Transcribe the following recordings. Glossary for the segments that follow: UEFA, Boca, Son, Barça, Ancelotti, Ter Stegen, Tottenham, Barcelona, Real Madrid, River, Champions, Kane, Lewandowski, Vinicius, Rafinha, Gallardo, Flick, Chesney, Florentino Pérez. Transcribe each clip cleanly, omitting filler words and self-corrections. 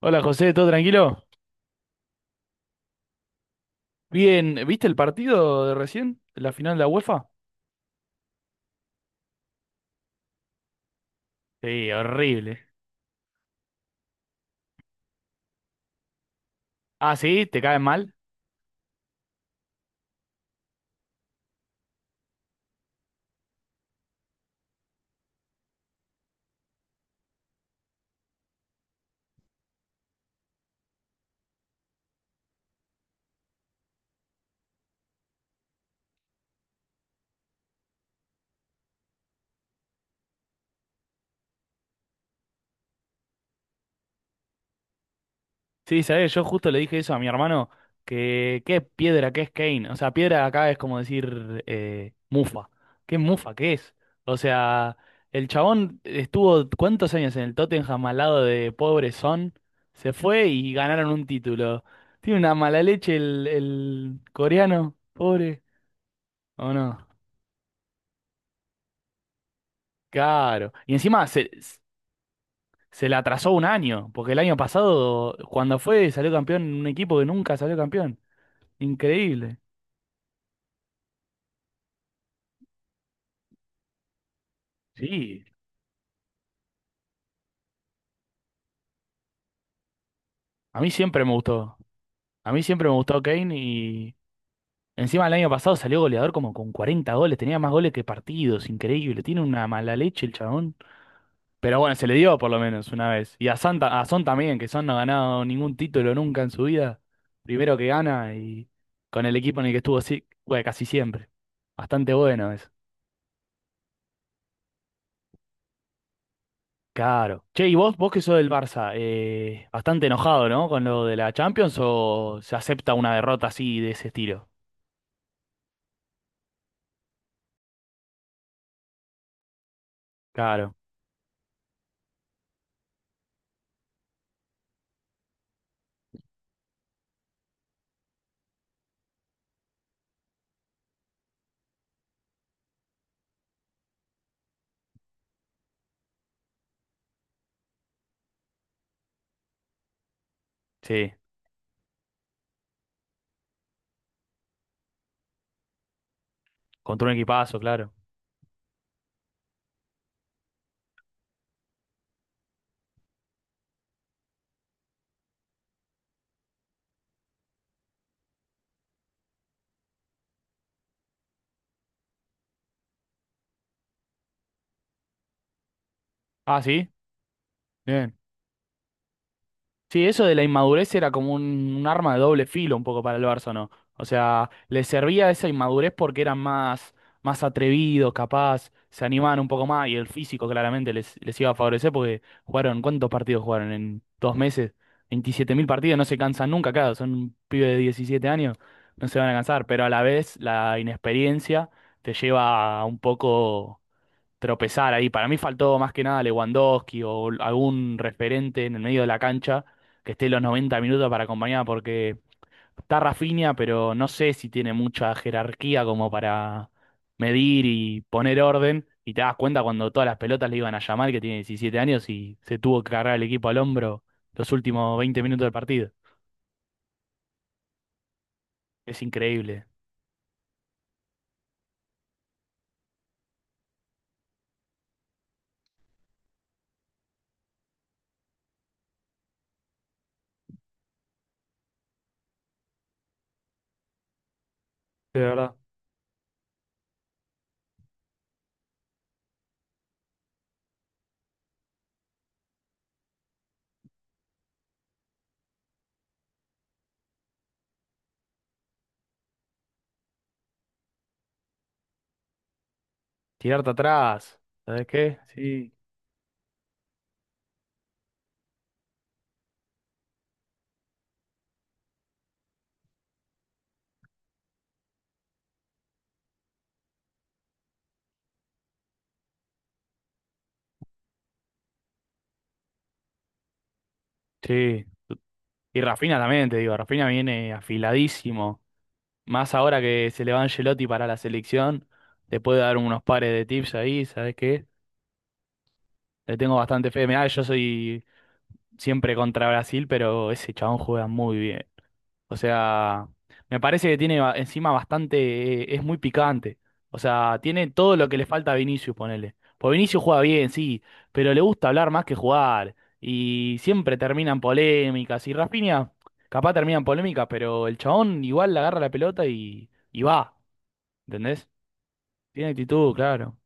Hola José, ¿todo tranquilo? Bien, ¿viste el partido de recién? ¿La final de la UEFA? Sí, horrible. Ah, sí, ¿te caen mal? Sí, sabés, yo justo le dije eso a mi hermano, que qué piedra, qué es Kane. O sea, piedra acá es como decir mufa. ¿Qué mufa, qué es? O sea, el chabón estuvo cuántos años en el Tottenham al lado de pobre Son, se fue y ganaron un título. Tiene una mala leche el coreano, pobre, ¿o no? Claro. Y encima se le atrasó un año, porque el año pasado, cuando fue, salió campeón en un equipo que nunca salió campeón. Increíble. Sí. A mí siempre me gustó. A mí siempre me gustó Kane y encima el año pasado salió goleador como con 40 goles. Tenía más goles que partidos. Increíble. Tiene una mala leche el chabón. Pero bueno, se le dio por lo menos una vez. Y a Son también, que Son no ha ganado ningún título nunca en su vida. Primero que gana y con el equipo en el que estuvo sí, bueno, casi siempre. Bastante bueno eso. Claro. Che, y vos que sos del Barça, bastante enojado, ¿no? Con lo de la Champions o se acepta una derrota así de ese estilo. Claro, sí. Contra un equipazo, claro. Ah, sí. Bien. Sí, eso de la inmadurez era como un arma de doble filo un poco para el Barça, ¿no? O sea, le servía esa inmadurez porque eran más atrevidos, capaz, se animaban un poco más y el físico claramente les iba a favorecer porque jugaron. ¿Cuántos partidos jugaron en 2 meses? 27.000 partidos, no se cansan nunca, claro, son un pibe de 17 años, no se van a cansar, pero a la vez la inexperiencia te lleva a un poco tropezar ahí. Para mí faltó más que nada Lewandowski o algún referente en el medio de la cancha que esté los 90 minutos para acompañar, porque está Rafinha, pero no sé si tiene mucha jerarquía como para medir y poner orden. Y te das cuenta cuando todas las pelotas le iban a llamar que tiene 17 años y se tuvo que cargar el equipo al hombro los últimos 20 minutos del partido. Es increíble, de verdad. Tirarte atrás, ¿sabes qué? Sí. Sí. Y Rafinha también, te digo, Rafinha viene afiladísimo. Más ahora que se le va Ancelotti para la selección, te puede dar unos pares de tips ahí, ¿sabes qué? Le tengo bastante fe. Mirá, yo soy siempre contra Brasil, pero ese chabón juega muy bien. O sea, me parece que tiene encima bastante, es muy picante. O sea, tiene todo lo que le falta a Vinicius, ponele. Pues Vinicius juega bien, sí, pero le gusta hablar más que jugar. Y siempre terminan polémicas. Y Rafinha, capaz terminan polémicas, pero el chabón igual le agarra la pelota y va. ¿Entendés? Tiene actitud, claro.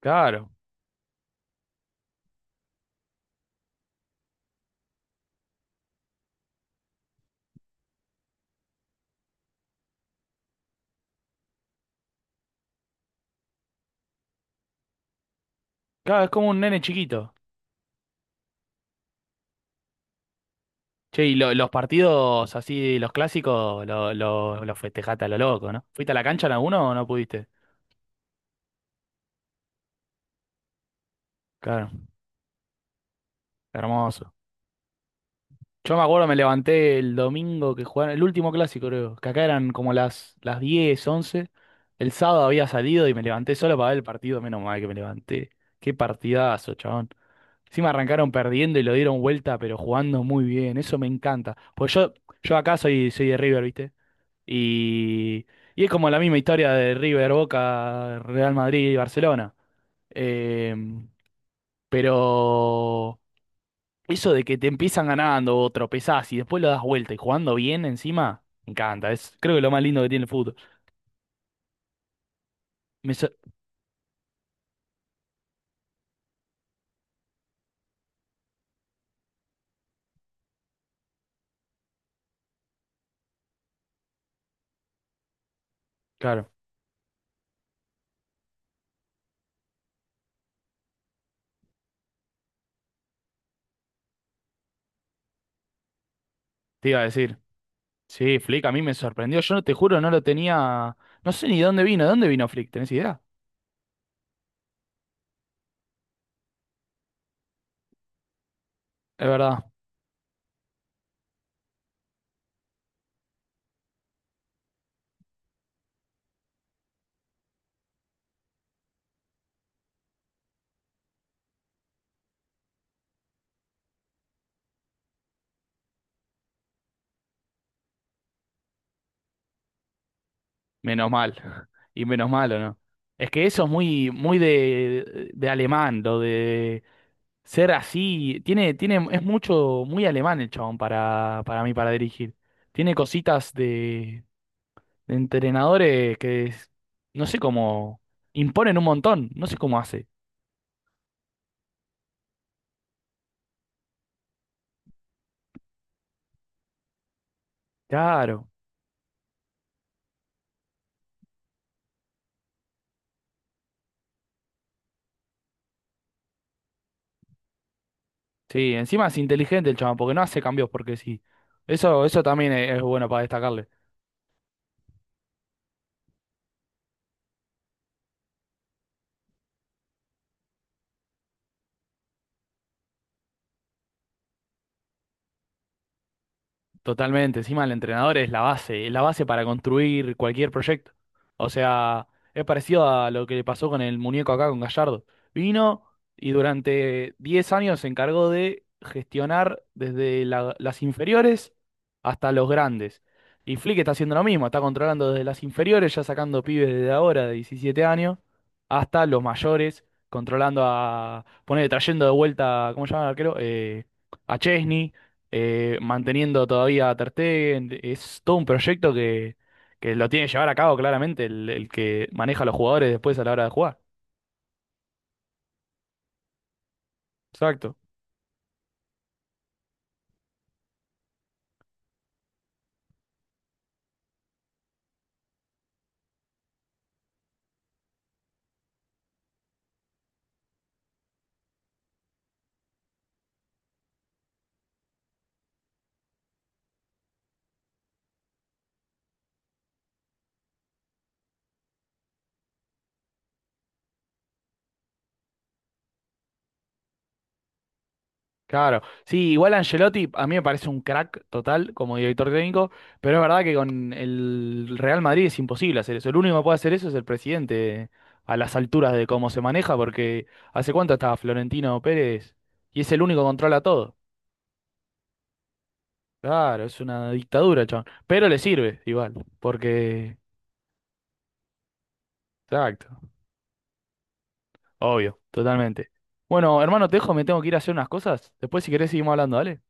Claro. Claro, es como un nene chiquito. Che, y los partidos así, los clásicos, los festejaste a lo loco, ¿no? ¿Fuiste a la cancha en alguno o no pudiste? Claro, hermoso. Yo me acuerdo, me levanté el domingo que jugaron, el último clásico creo, que acá eran como las 10 once. El sábado había salido y me levanté solo para ver el partido, menos mal que me levanté. Qué partidazo, chabón. Encima arrancaron perdiendo y lo dieron vuelta, pero jugando muy bien, eso me encanta. Pues yo acá soy, de River, ¿viste? Y, y es como la misma historia de River, Boca, Real Madrid y Barcelona. Em, pero eso de que te empiezan ganando o tropezás y después lo das vuelta y jugando bien encima, me encanta. Es creo que lo más lindo que tiene el fútbol. Me sor- claro, te iba a decir. Sí, Flick a mí me sorprendió. Yo no te juro, no lo tenía. No sé ni dónde vino. ¿De dónde vino Flick? ¿Tenés idea? Es verdad. Menos mal. Y menos mal, ¿o no? Es que eso es muy, muy de, alemán, lo de ser así, tiene, es mucho, muy alemán el chabón para mí, para dirigir. Tiene cositas de entrenadores que no sé cómo imponen un montón, no sé cómo hace. Claro, sí, encima es inteligente el chabón, porque no hace cambios porque sí. Eso también es bueno para destacarle. Totalmente, encima el entrenador es la base para construir cualquier proyecto. O sea, es parecido a lo que le pasó con el muñeco acá con Gallardo. Vino y durante 10 años se encargó de gestionar desde las inferiores hasta los grandes. Y Flick está haciendo lo mismo, está controlando desde las inferiores, ya sacando pibes desde ahora de 17 años, hasta los mayores, controlando a, poner, trayendo de vuelta. ¿Cómo se llama el arquero? A Chesney, manteniendo todavía a Ter Stegen. Es todo un proyecto que lo tiene que llevar a cabo claramente el que maneja a los jugadores después a la hora de jugar. Exacto. Claro. Sí, igual Ancelotti a mí me parece un crack total como director técnico, pero es verdad que con el Real Madrid es imposible hacer eso. El único que puede hacer eso es el presidente a las alturas de cómo se maneja, porque ¿hace cuánto estaba Florentino Pérez? Y es el único que controla todo. Claro, es una dictadura, chabón. Pero le sirve igual, porque... Exacto. Obvio, totalmente. Bueno, hermano, te dejo, me tengo que ir a hacer unas cosas. Después, si querés, seguimos hablando, ¿vale?